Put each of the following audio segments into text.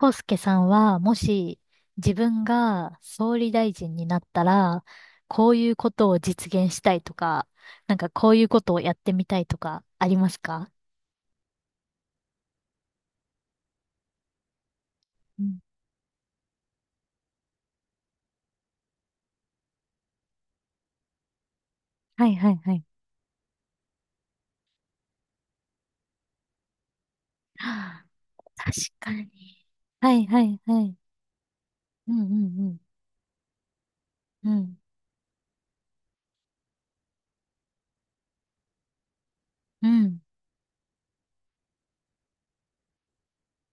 康介さんは、もし自分が総理大臣になったら、こういうことを実現したいとか、なんかこういうことをやってみたいとか、ありますか？うん。はいはいはい。はあ、確かに。はいはいはい。うんうんうん、うん、うん、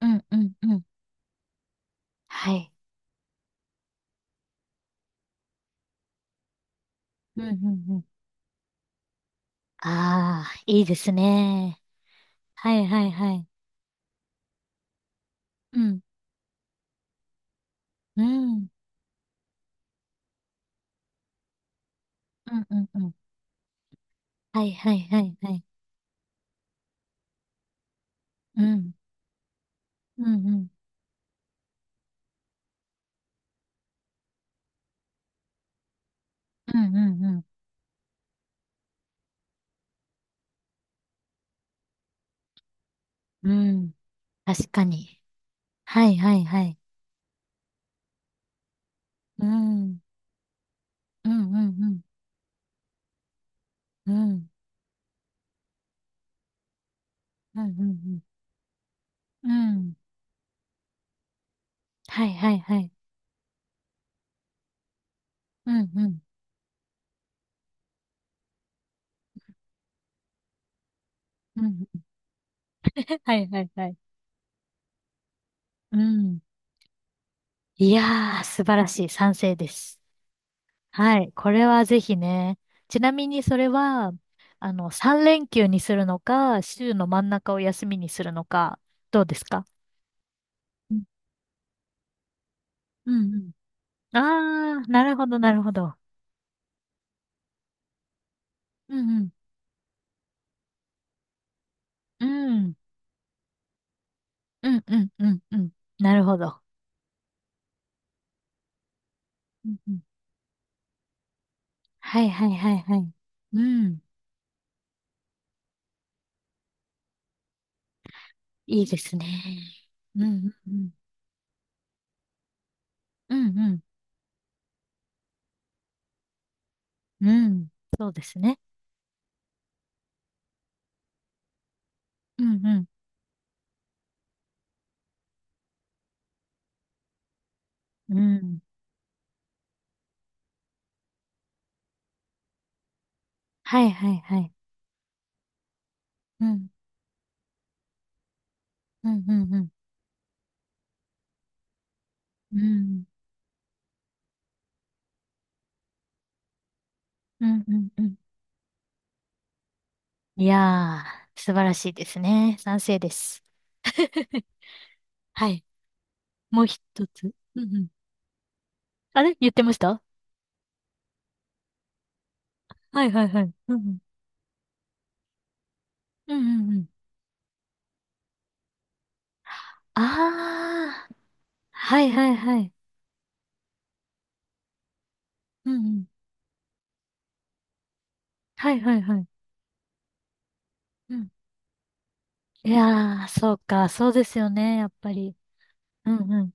うん、うんうん。はい。うん。うんうんうん。ああ、いいですね。はいはいはい。うん、うん、うんうんうん。はいはいはいはい。うん。うんうん。うん、うん、うん、うん。確かに。はいはいはい。うん。うんうんうん。うん。うんうんうん。うん。はいはいはい。うんうん。うん。はいはいはい。うん。いやー、素晴らしい。賛成です。はい。これはぜひね。ちなみにそれは、3連休にするのか、週の真ん中を休みにするのか、どうですか？うんうんうん。あー、なるほどなるほど。うんうん。うん。うんうんうんうん。なるほど。うんうん。はいはいはいはい。うん。いいですね。うんうんうん。うんうん。うん。そうですね。うんうん。うん。はいはいはい。うん。うんうんうん。うん。うんうんうん。いやー、素晴らしいですね。賛成です。はい。もう一つ。うんうん。あれ言ってました？はいはいはい。うんうん。うんうんうん。ああ、はいはいはい。うんうん。はいはいはい。うん。いやー、そうか、そうですよね、やっぱり。うんうん。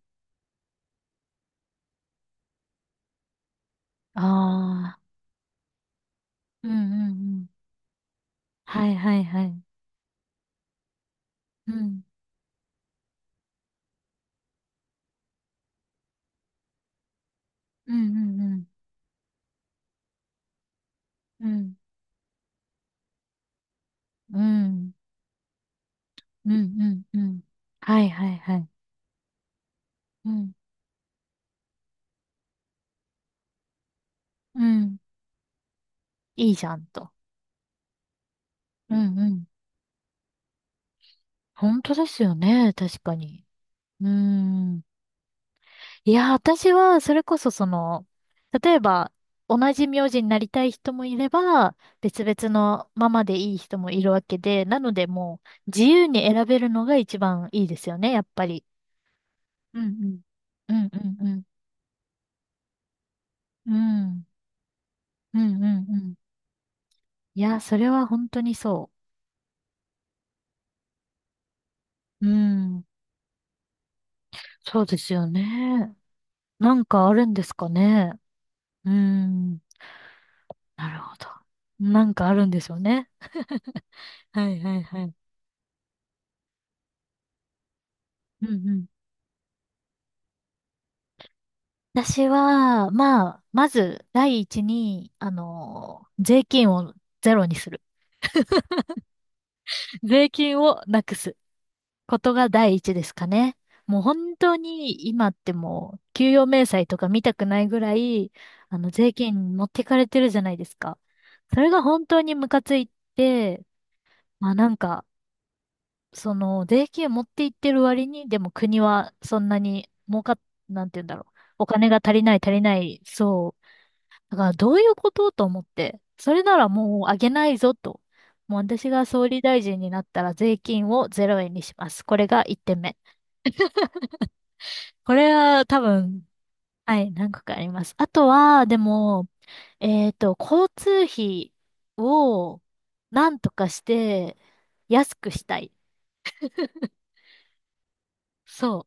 ああ、うんうんうん。はいはいはい。うん、うんうんうん。うん、うん、うんうんうん。はいはいはい。うん、うん。いいじゃんと。うんうん。本当ですよね、確かに。うん。いや、私は、それこそその、例えば、同じ名字になりたい人もいれば、別々のままでいい人もいるわけで、なのでもう、自由に選べるのが一番いいですよね、やっぱり。うんうんうんうん。うん。うんうんうん。うん。いや、それは本当にそう。うん。そうですよね。なんかあるんですかね。うん。なるほど。なんかあるんでしょうね。はいはいはい。うんうん。私は、まあ、まず、第一に、税金をゼロにする。税金をなくすことが第一ですかね。もう本当に今ってもう、給与明細とか見たくないぐらい、税金持ってかれてるじゃないですか。それが本当にムカついて、まあなんか、税金持っていってる割に、でも国はそんなに儲かっ、なんて言うんだろう。お金が足りない足りない、そう、だからどういうことと思って、それならもうあげないぞと。もう私が総理大臣になったら税金をゼロ円にします。これが1点目。これは多分、はい、何個かあります。あとは、でも、交通費をなんとかして安くしたい。そ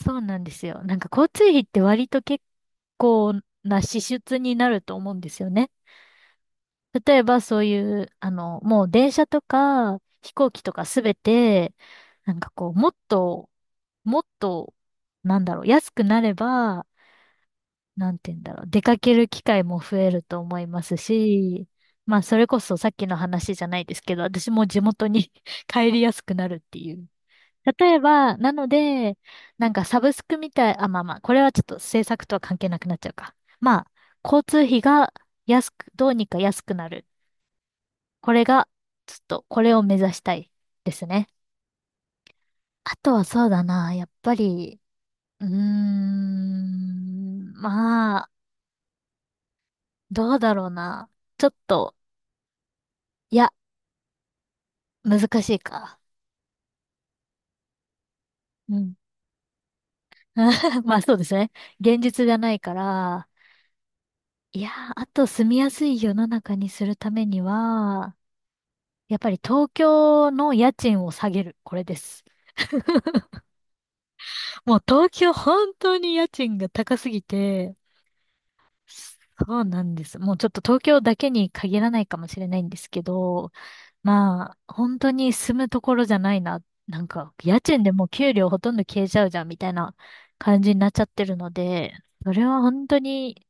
う、そうなんですよ。なんか交通費って割と結構な支出になると思うんですよね。例えばそういう、もう電車とか飛行機とかすべて、なんかこう、もっと、もっと、なんだろう、安くなれば、なんて言うんだろう、出かける機会も増えると思いますし、まあ、それこそさっきの話じゃないですけど、私も地元に 帰りやすくなるっていう。例えば、なので、なんかサブスクみたい、あ、まあまあ、これはちょっと政策とは関係なくなっちゃうか。まあ、交通費が安く、どうにか安くなる。これが、ちょっと、これを目指したいですね。あとはそうだな、やっぱり、うーん、まあ、どうだろうな。ちょっと、いや、難しいか。うん。まあそうですね。現実じゃないから、いやー、あと住みやすい世の中にするためには、やっぱり東京の家賃を下げる。これです。もう東京本当に家賃が高すぎて、そうなんです。もうちょっと東京だけに限らないかもしれないんですけど、まあ、本当に住むところじゃないな。なんか、家賃でもう給料ほとんど消えちゃうじゃんみたいな感じになっちゃってるので、それは本当に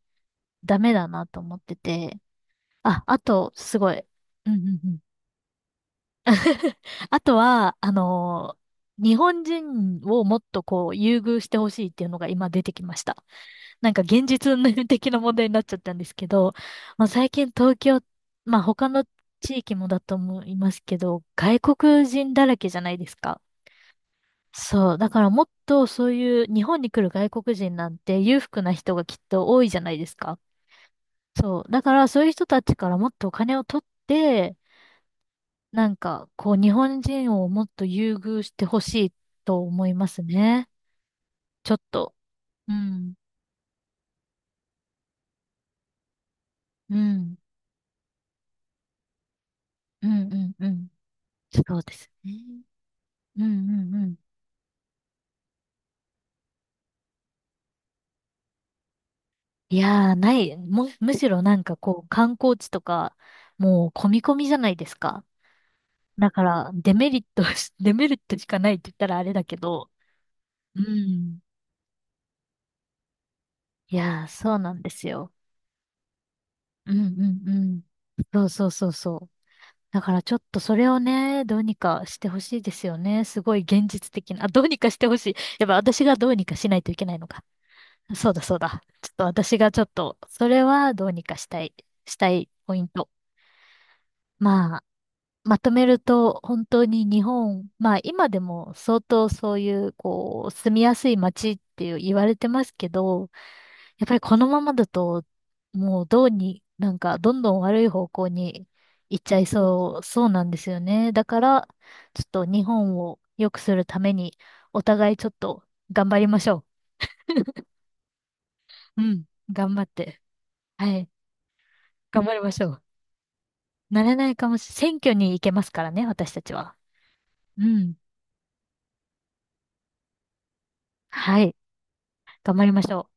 ダメだなと思ってて。あ、あと、すごい。うんうんうん。あとは、日本人をもっとこう、優遇してほしいっていうのが今出てきました。なんか現実運命的な問題になっちゃったんですけど、まあ、最近東京、まあ他の地域もだと思いますけど、外国人だらけじゃないですか。そう。だからもっとそういう日本に来る外国人なんて裕福な人がきっと多いじゃないですか。そう。だからそういう人たちからもっとお金を取って、なんか、こう、日本人をもっと優遇してほしいと思いますね。ちょっと。うん。うん。うん、うん、うん。そうですね。うん、うん、うん。いやー、ない。むしろなんかこう、観光地とか、もう、込み込みじゃないですか。だから、デメリットし、デメリットしかないって言ったらあれだけど。うん。いやー、そうなんですよ。うん、うん、うん。そうそうそうそう。だからちょっとそれをね、どうにかしてほしいですよね。すごい現実的な。あ、どうにかしてほしい。やっぱ私がどうにかしないといけないのか。そうだそうだ。ちょっと私がちょっと、それはどうにかしたい、したいポイント。まあ、まとめると本当に日本、まあ今でも相当そういう、こう、住みやすい街っていう言われてますけど、やっぱりこのままだと、もうどうに、なんかどんどん悪い方向に行っちゃいそう、そうなんですよね。だから、ちょっと日本を良くするために、お互いちょっと頑張りましょう。うん、頑張って。はい、頑張りましょう。なれないかもし、選挙に行けますからね、私たちは。うん、はい、頑張りましょう。